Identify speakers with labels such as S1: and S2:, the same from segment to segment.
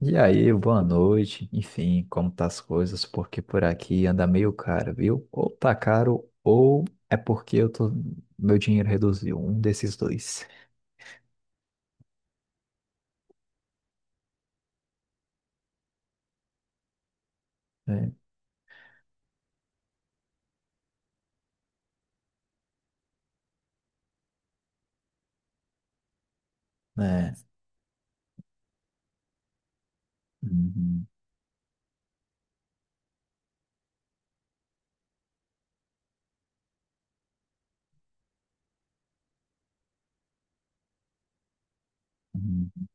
S1: E aí, boa noite. Enfim, como tá as coisas? Porque por aqui anda meio caro, viu? Ou tá caro, ou é porque eu tô, meu dinheiro reduziu. Um desses dois. É. É. Uhum. Uhum.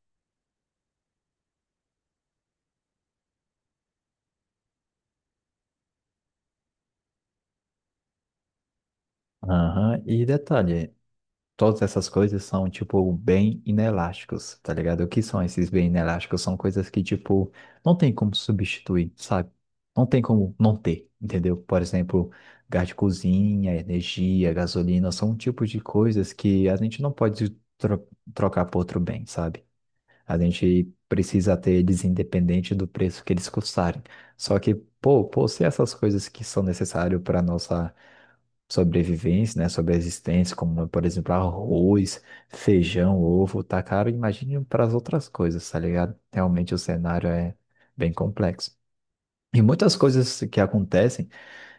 S1: Aham. E detalhe, todas essas coisas são, tipo, bem inelásticos, tá ligado? O que são esses bem inelásticos? São coisas que, tipo, não tem como substituir, sabe? Não tem como não ter, entendeu? Por exemplo, gás de cozinha, energia, gasolina, são um tipo de coisas que a gente não pode tro- trocar por outro bem, sabe? A gente precisa ter eles independente do preço que eles custarem. Só que, pô, se essas coisas que são necessárias para nossa sobrevivência, né, sobre a existência, como, por exemplo, arroz, feijão, ovo, tá caro, imagine para as outras coisas, tá ligado? Realmente o cenário é bem complexo. E muitas coisas que acontecem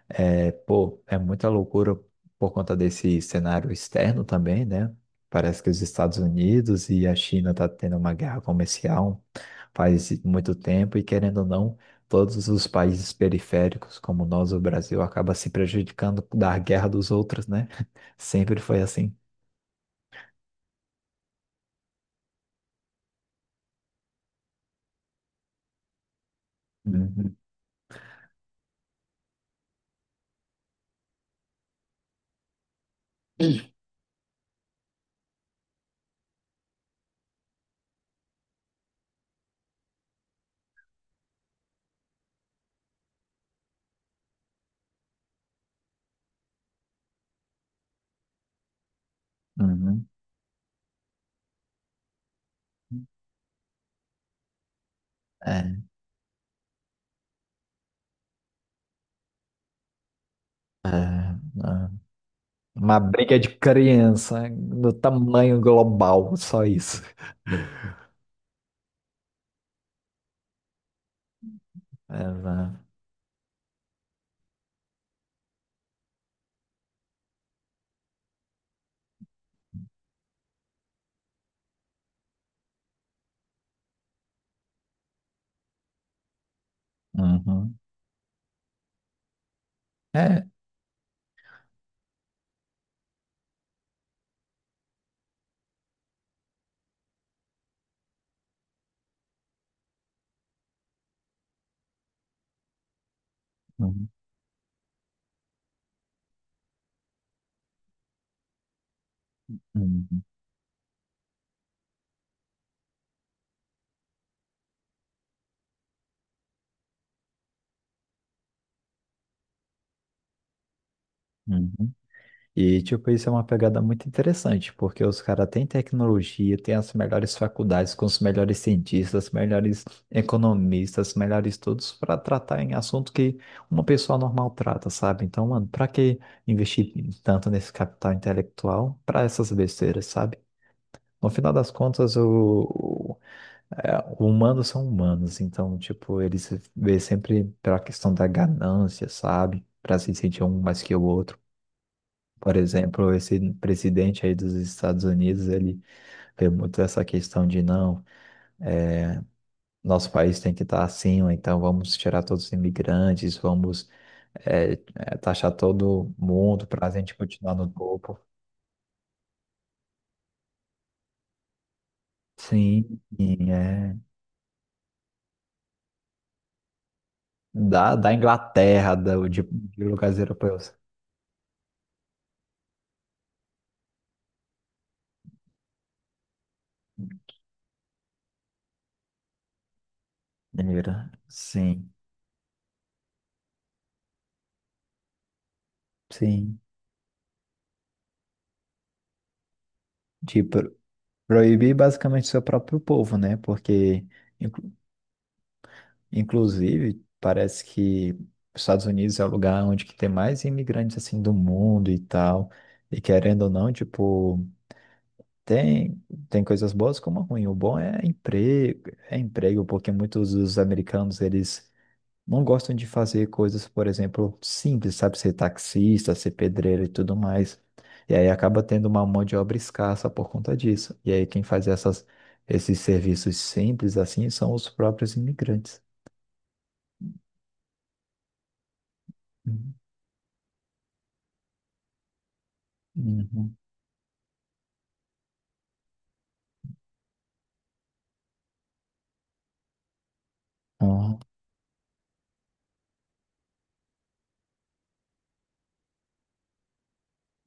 S1: pô, é muita loucura por conta desse cenário externo também, né? Parece que os Estados Unidos e a China tá tendo uma guerra comercial faz muito tempo e querendo ou não, todos os países periféricos, como nós, o Brasil, acaba se prejudicando da guerra dos outros, né? Sempre foi assim. Uhum, uhum. É, é, é. Uma briga de criança no tamanho global, só isso. É, né? Uhum. É. Uhum. Uhum, uhum. E, tipo, isso é uma pegada muito interessante, porque os caras têm tecnologia, têm as melhores faculdades, com os melhores cientistas, melhores economistas, melhores todos para tratar em assunto que uma pessoa normal trata, sabe? Então, mano, pra que investir tanto nesse capital intelectual para essas besteiras, sabe? No final das contas, o- é, humanos são humanos, então, tipo, eles se vê sempre pela questão da ganância, sabe? Para se sentir um mais que o outro. Por exemplo, esse presidente aí dos Estados Unidos, ele vê muito essa questão de não, é, nosso país tem que estar assim, ou então vamos tirar todos os imigrantes, vamos taxar todo mundo para a gente continuar no topo. Sim, sim, é. Da Inglaterra, de lugares europeus. Era. Sim, sim. De proibir basicamente seu próprio povo, né? Porque Inclusive, parece que os Estados Unidos é o lugar onde que tem mais imigrantes assim do mundo e tal. E querendo ou não, tipo, tem, tem coisas boas como ruim. O bom é emprego, porque muitos dos americanos, eles não gostam de fazer coisas, por exemplo, simples, sabe? Ser taxista, ser pedreiro e tudo mais. E aí acaba tendo uma mão de obra escassa por conta disso. E aí quem faz esses serviços simples assim são os próprios imigrantes. Uhum. Uhum. Ah,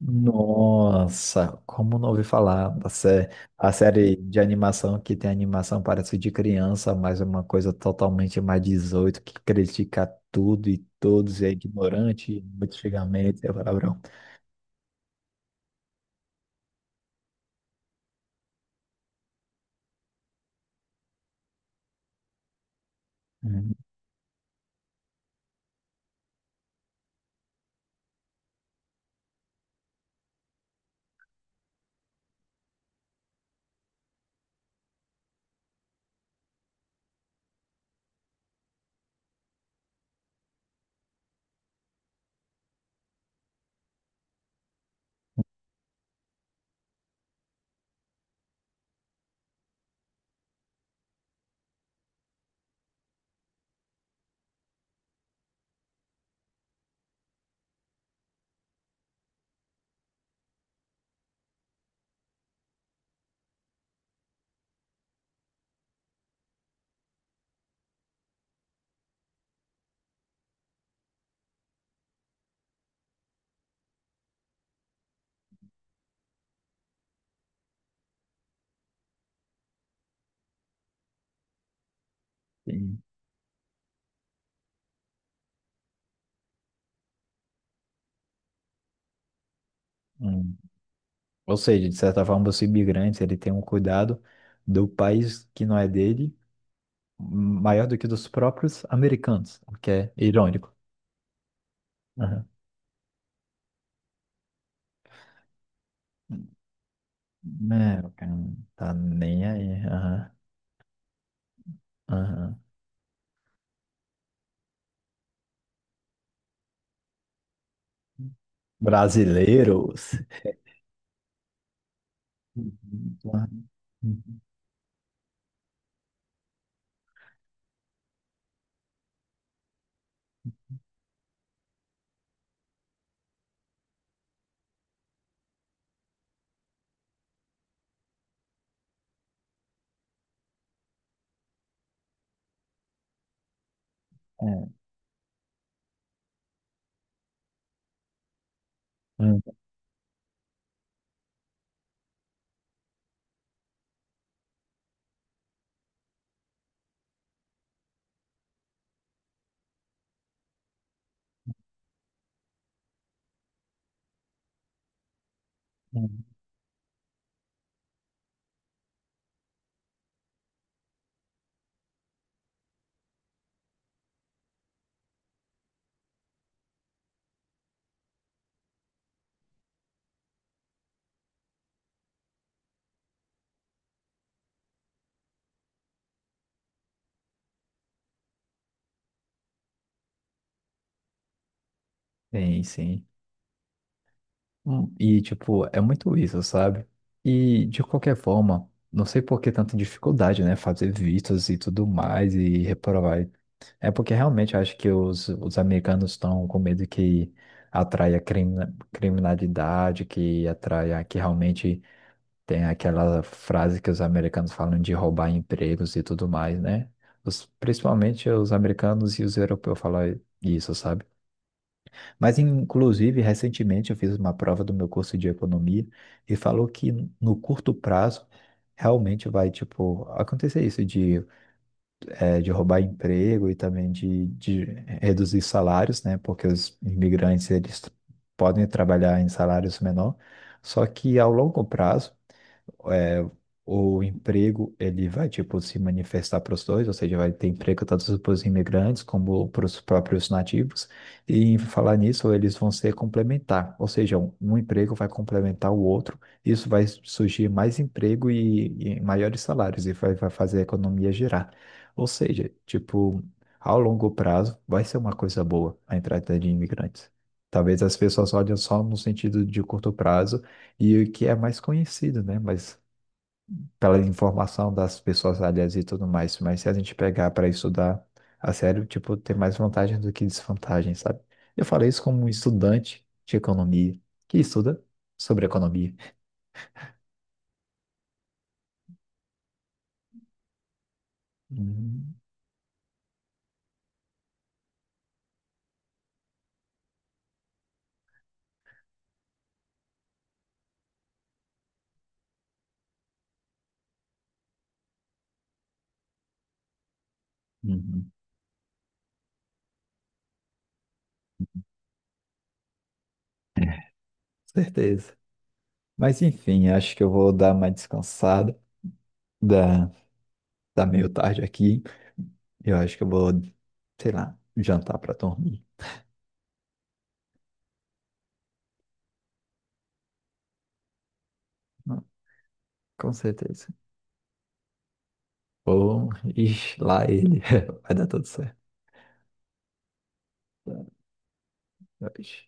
S1: Nossa, como não ouvi falar a série de animação que tem animação parece de criança, mas é uma coisa totalmente mais 18 que critica tudo e todos, e é ignorante, muito xingamento, é palavrão. Uhum. Sim. Hum. Ou seja, de certa forma, os imigrantes, ele tem um cuidado do país que não é dele, maior do que dos próprios americanos, o que é irônico. Uhum. É, o cara não tá nem aí. Aham, aham. Brasileiros. Uhum, claro. Uhum, é, uhum, uhum. Sim, sim. E, tipo, é muito isso, sabe? E, de qualquer forma, não sei por que tanta dificuldade, né? Fazer vistos e tudo mais e reprovar. É porque realmente eu acho que os americanos estão com medo que atraia criminalidade, que atraia que realmente. Tem aquela frase que os americanos falam de roubar empregos e tudo mais, né? Principalmente os americanos e os europeus falam isso, sabe? Mas, inclusive, recentemente eu fiz uma prova do meu curso de economia e falou que no curto prazo realmente vai, tipo, acontecer isso de roubar emprego e também de reduzir salários, né? Porque os imigrantes, eles podem trabalhar em salários menor, só que ao longo prazo é, o emprego ele vai tipo se manifestar para os dois, ou seja, vai ter emprego tanto para os imigrantes como para os próprios nativos. E em falar nisso, eles vão ser complementar, ou seja, um emprego vai complementar o outro. Isso vai surgir mais emprego e maiores salários e vai fazer a economia girar. Ou seja, tipo, ao longo prazo vai ser uma coisa boa a entrada de imigrantes. Talvez as pessoas olhem só no sentido de curto prazo e o que é mais conhecido, né? Mas pela informação das pessoas alheias e tudo mais, mas se a gente pegar para estudar a sério, tipo, tem mais vantagem do que desvantagem, sabe? Eu falei isso como um estudante de economia, que estuda sobre economia. Uhum, uhum, certeza. Mas enfim, acho que eu vou dar uma descansada, da, da meio tarde aqui. Eu acho que eu vou, sei lá, jantar para dormir. Não, com certeza. Ou, ixi, lá ele. Vai dar tudo certo. Tá, tchau.